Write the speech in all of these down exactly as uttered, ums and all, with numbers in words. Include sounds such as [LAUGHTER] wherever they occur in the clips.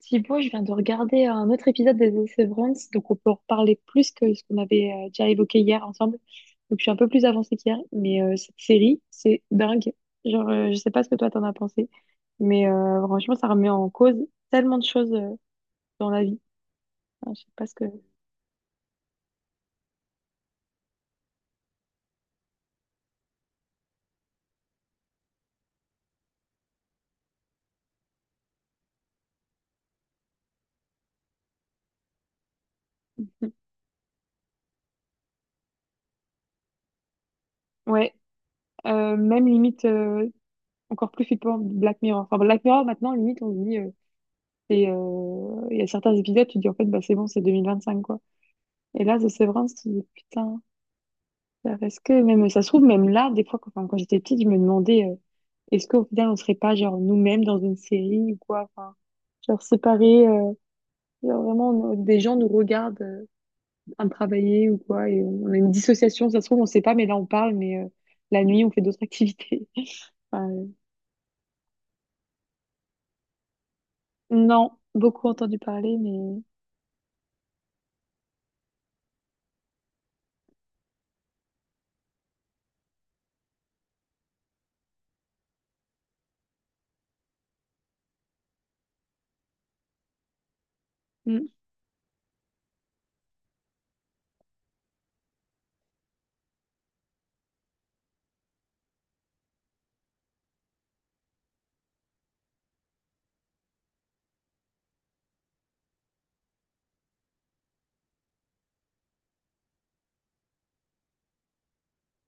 Thibaut, je viens de regarder un autre épisode des The Severance, donc on peut en reparler plus que ce qu'on avait euh, déjà évoqué hier ensemble. Donc je suis un peu plus avancée qu'hier, mais euh, cette série, c'est dingue. Genre, euh, je sais pas ce que toi t'en as pensé, mais euh, franchement, ça remet en cause tellement de choses euh, dans la vie. Enfin, je sais pas ce que. Hmm, Ouais, euh, même limite euh, encore plus flippant Black Mirror. Enfin, Black Mirror, maintenant, limite, on se dit, euh, c'est, euh, il y a certains épisodes, tu te dis en fait, bah, c'est bon, c'est deux mille vingt-cinq, quoi. Et là, The Severance, tu te dis, putain. Bah, parce que même, ça se trouve, même là, des fois, quand, enfin, quand j'étais petite, je me demandais, euh, est-ce qu'au final, on serait pas, genre, nous-mêmes dans une série ou quoi, enfin, genre, séparés, euh, genre, vraiment, on- des gens nous regardent, euh, en travailler ou quoi, et on a une dissociation, ça se trouve, on sait pas, mais là, on parle, mais euh, la nuit, on fait d'autres activités. [LAUGHS] Enfin, euh, non, beaucoup entendu parler, mais...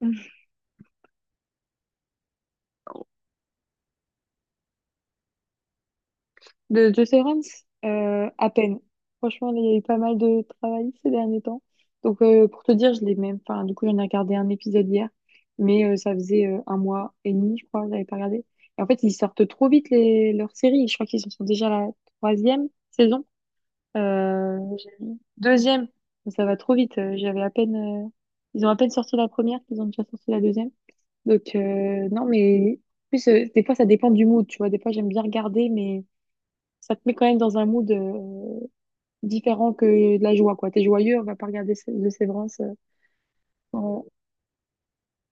Mm. De Jocerans, euh, à peine. Franchement, là, il y a eu pas mal de travail ces derniers temps. Donc, euh, pour te dire, je l'ai même. Enfin, du coup, j'en ai regardé un épisode hier, mais euh, ça faisait euh, un mois et demi, je crois, que j'avais pas regardé. Et en fait, ils sortent trop vite les... leurs séries. Je crois qu'ils en sont déjà à la troisième saison. Euh, j'ai- vu. Deuxième. Ça va trop vite. Euh, J'avais à peine. euh, Ils ont à peine sorti la première, ils ont déjà sorti la deuxième. Donc, euh, non, mais. En plus, euh, des fois, ça dépend du mood, tu vois. Des fois, j'aime bien regarder, mais ça te met quand même dans un mood euh, différent que de la joie, quoi. T'es joyeux, on va pas regarder Sé- The Severance. euh, en-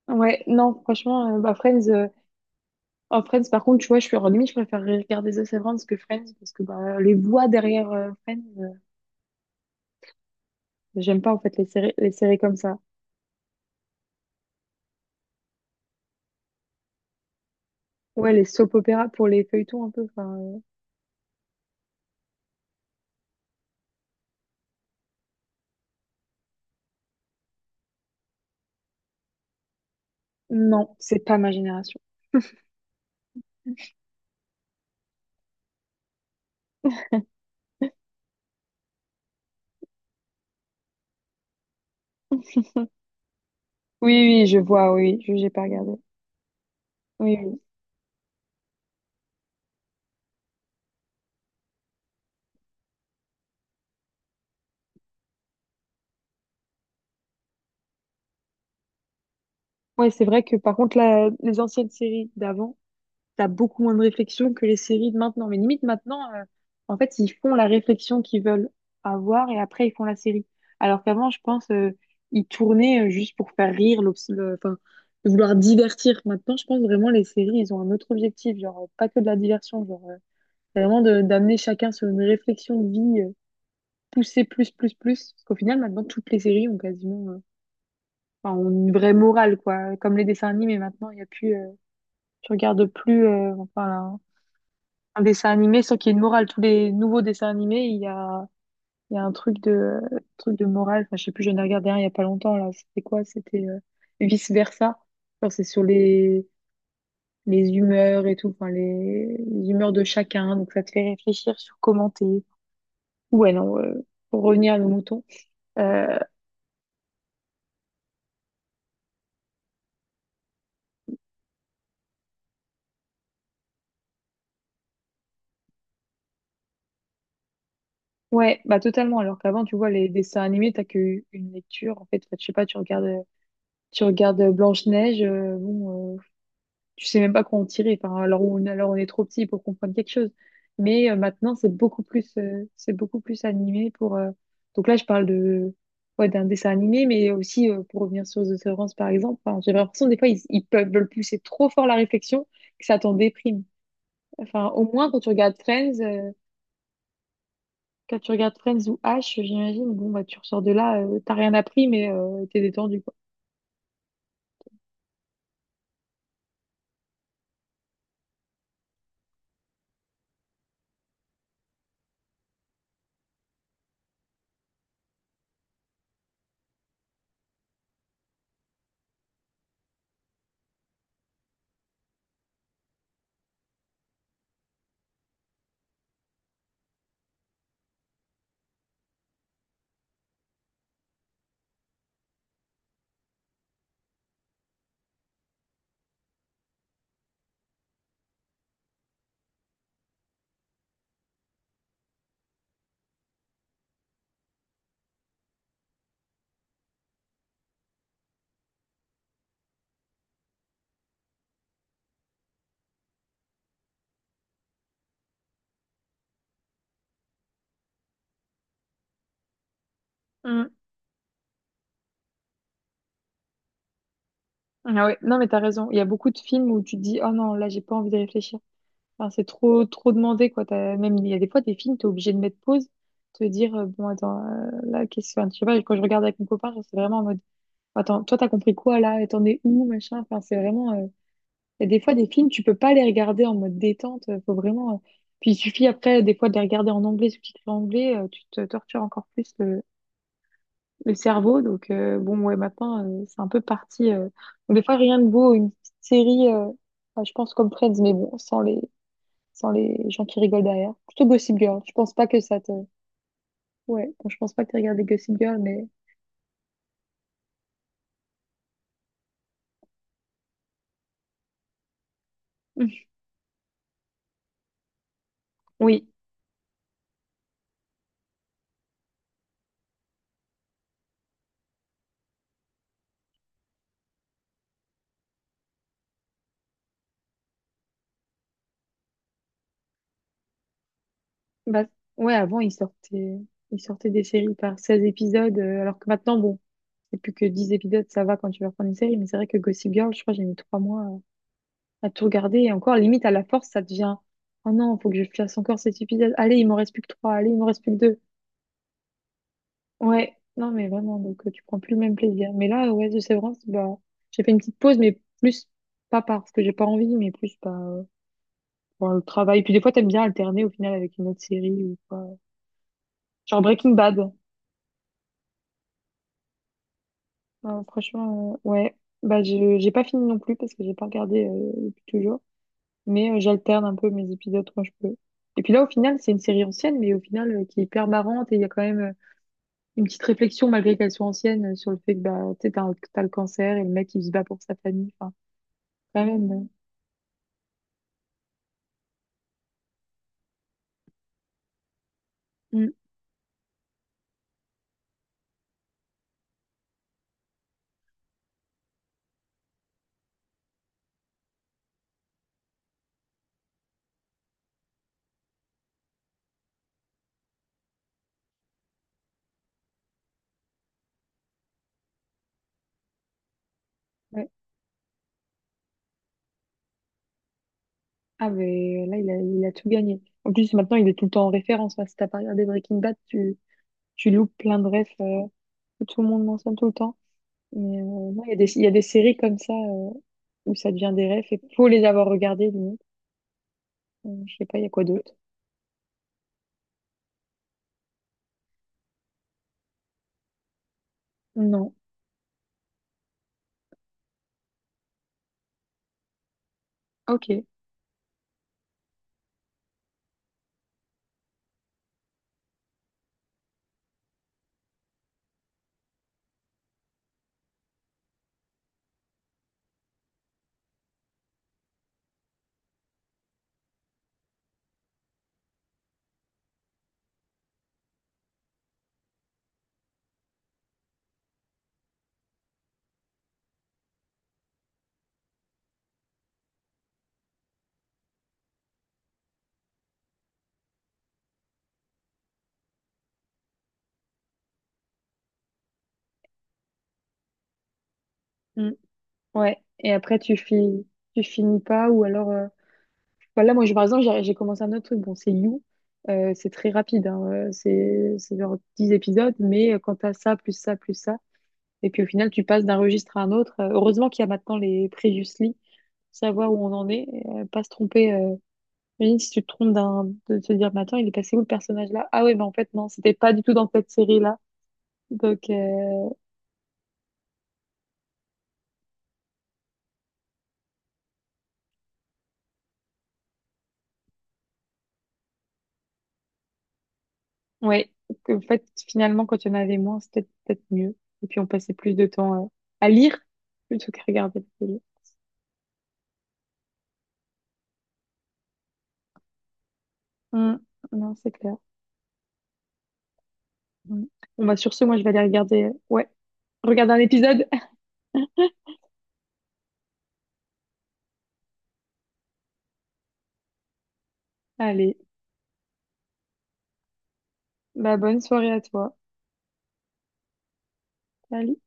Ouais, non, franchement, euh, bah, Friends, euh, oh, Friends, par contre, tu vois, je suis en limite, je préfère regarder The Severance que Friends parce que bah, les voix derrière euh, Friends, euh, j'aime pas en fait les séries, les séries comme ça. Ouais, les soap opéra pour les feuilletons un peu. Enfin, euh, non, c'est pas ma génération. Oui, oui, je vois, oui, je j'ai pas regardé. Oui, oui. Ouais, c'est vrai que par contre, là, les anciennes séries d'avant, t'as beaucoup moins de réflexion que les séries de maintenant. Mais limite, maintenant, euh, en fait, ils font la réflexion qu'ils veulent avoir et après, ils font la série. Alors qu'avant, je pense, euh, ils tournaient euh, juste pour faire rire, l'obs- le- enfin, de vouloir divertir. Maintenant, je pense vraiment, les séries, ils ont un autre objectif, genre, euh, pas que de la diversion, genre, euh, c'est vraiment de- d'amener chacun sur une réflexion de vie, euh, pousser plus, plus, plus. Parce qu'au final, maintenant, toutes les séries ont quasiment, euh, enfin, ont une vraie morale, quoi. Comme les dessins animés, maintenant, il n'y a plus, euh, tu regardes plus, euh, enfin, un dessin animé sans qu'il y ait une morale. Tous les nouveaux dessins animés, il y a, il y a un truc de, truc de morale. Enfin, je sais plus, j'en ai regardé un il y a pas longtemps, là. C'était quoi? C'était vice-versa. C'est sur les, les humeurs et tout, enfin, les, les humeurs de chacun. Donc, ça te fait réfléchir sur comment t'es. Ouais, non, euh, pour revenir à nos moutons. Euh, ouais, bah, totalement. Alors qu'avant, tu vois, les dessins animés, t'as que une lecture, en fait. Enfin, je sais pas, tu regardes, tu regardes Blanche-Neige, euh, bon, euh, tu sais même pas quoi en tirer. Enfin, alors on, alors on est trop petit pour comprendre quelque chose. Mais euh, maintenant, c'est beaucoup plus, euh, c'est beaucoup plus animé pour. euh, Donc là, je parle de, ouais, d'un dessin animé, mais aussi euh, pour revenir sur The Severance, par exemple. Enfin, j'ai l'impression des fois ils, ils peuvent veulent pousser trop fort la réflexion que ça t'en déprime. Enfin, au moins quand tu regardes Friends, euh, quand tu regardes Friends ou H, j'imagine, bon bah tu ressors de là, euh, t'as rien appris, mais euh, t'es détendu quoi. Mm. Ah ouais, non mais t'as raison. Il y a beaucoup de films où tu te dis, oh non, là j'ai pas envie de réfléchir. Enfin, c'est trop, trop demandé, quoi. T'as- Même, il y a des fois, des films, t'es obligé de mettre pause, te dire, euh, bon, attends, euh, là, qu'est-ce que, enfin, je sais pas, quand je regarde avec mon copain, genre, c'est vraiment en mode, attends, toi, t'as compris quoi, là, et t'en es où, machin, enfin, c'est vraiment, euh, il y a des fois, des films, tu peux pas les regarder en mode détente, euh, faut vraiment, euh, puis il suffit après, des fois, de les regarder en anglais, sous-titré anglais, euh, tu te tortures encore plus le, le cerveau, donc, euh, bon, ouais, maintenant, euh, c'est un peu parti, euh. Donc, des fois, rien de beau, une petite série, euh, enfin, je pense comme Friends, mais bon, sans les, sans les gens qui rigolent derrière. Plutôt Gossip Girl. Je pense pas que ça te. Ouais, bon, je pense pas que tu regardé Gossip Girl, mais. [LAUGHS] Oui. Bah, ouais, avant, ils sortaient... ils sortaient des séries par seize épisodes, euh, alors que maintenant, bon, c'est plus que dix épisodes, ça va quand tu vas prendre une série, mais c'est vrai que Gossip Girl, je crois, que j'ai mis trois mois à à tout regarder, et encore, limite, à la force, ça devient. Oh non, faut que je fasse encore cet épisode. Allez, il m'en reste plus que trois. Allez, il m'en reste plus que deux. Ouais, non, mais vraiment, donc euh, tu prends plus le même plaisir. Mais là, euh, ouais, de Severance, bah, j'ai fait une petite pause, mais plus pas parce que j'ai pas envie, mais plus par euh, par le travail. Puis des fois, t'aimes bien alterner au final avec une autre série ou quoi. Genre Breaking Bad. Euh, franchement, euh, ouais. Bah, je, j'ai pas fini non plus parce que j'ai pas regardé euh, depuis toujours. Mais euh, j'alterne un peu mes épisodes quand je peux. Et puis là, au final, c'est une série ancienne, mais au final, euh, qui est hyper marrante et il y a quand même euh, une petite réflexion, malgré qu'elle soit ancienne, euh, sur le fait que bah, tu sais, t'as, un- t'as le cancer et le mec, il se bat pour sa famille. Enfin, quand même. Hein. Mm. Ouais. Ah, mais là, il a, il a tout gagné. En plus, maintenant, il est tout le temps en référence. Hein. Si t'as pas regardé Breaking Bad, tu, tu loupes plein de refs euh, que tout le monde mentionne tout le temps. Mais euh, non, il y a des, il y a des séries comme ça euh, où ça devient des refs et faut les avoir regardées, limite. Euh, je sais pas, il y a quoi d'autre? Non. Ok. Mm. Ouais. Et après, tu, finis tu finis pas ou alors... euh, Voilà, moi, je, par exemple, j'ai j'ai commencé un autre truc. Bon, c'est You. Euh, c'est très rapide. Hein. Euh, C'est c'est genre dix épisodes, mais euh, quand t'as ça, plus ça, plus ça... Et puis au final, tu passes d'un registre à un autre. Euh, Heureusement qu'il y a maintenant les previously, savoir où on en est, euh, pas se tromper. Euh, imagine si tu te trompes d'un, de te dire, mais attends, il est passé où le personnage là? Ah ouais, mais en fait, non, c'était pas du tout dans cette série-là. Donc, euh, ouais, donc, en fait, finalement, quand il y en avait moins, c'était peut-être mieux. Et puis on passait plus de temps euh, à lire plutôt qu'à regarder la télé. Hum, Non, c'est clair. Hum. Bon, bah, sur ce, moi, je vais aller regarder, ouais, regarder un épisode. [LAUGHS] Allez, bah, bonne soirée à toi. Salut.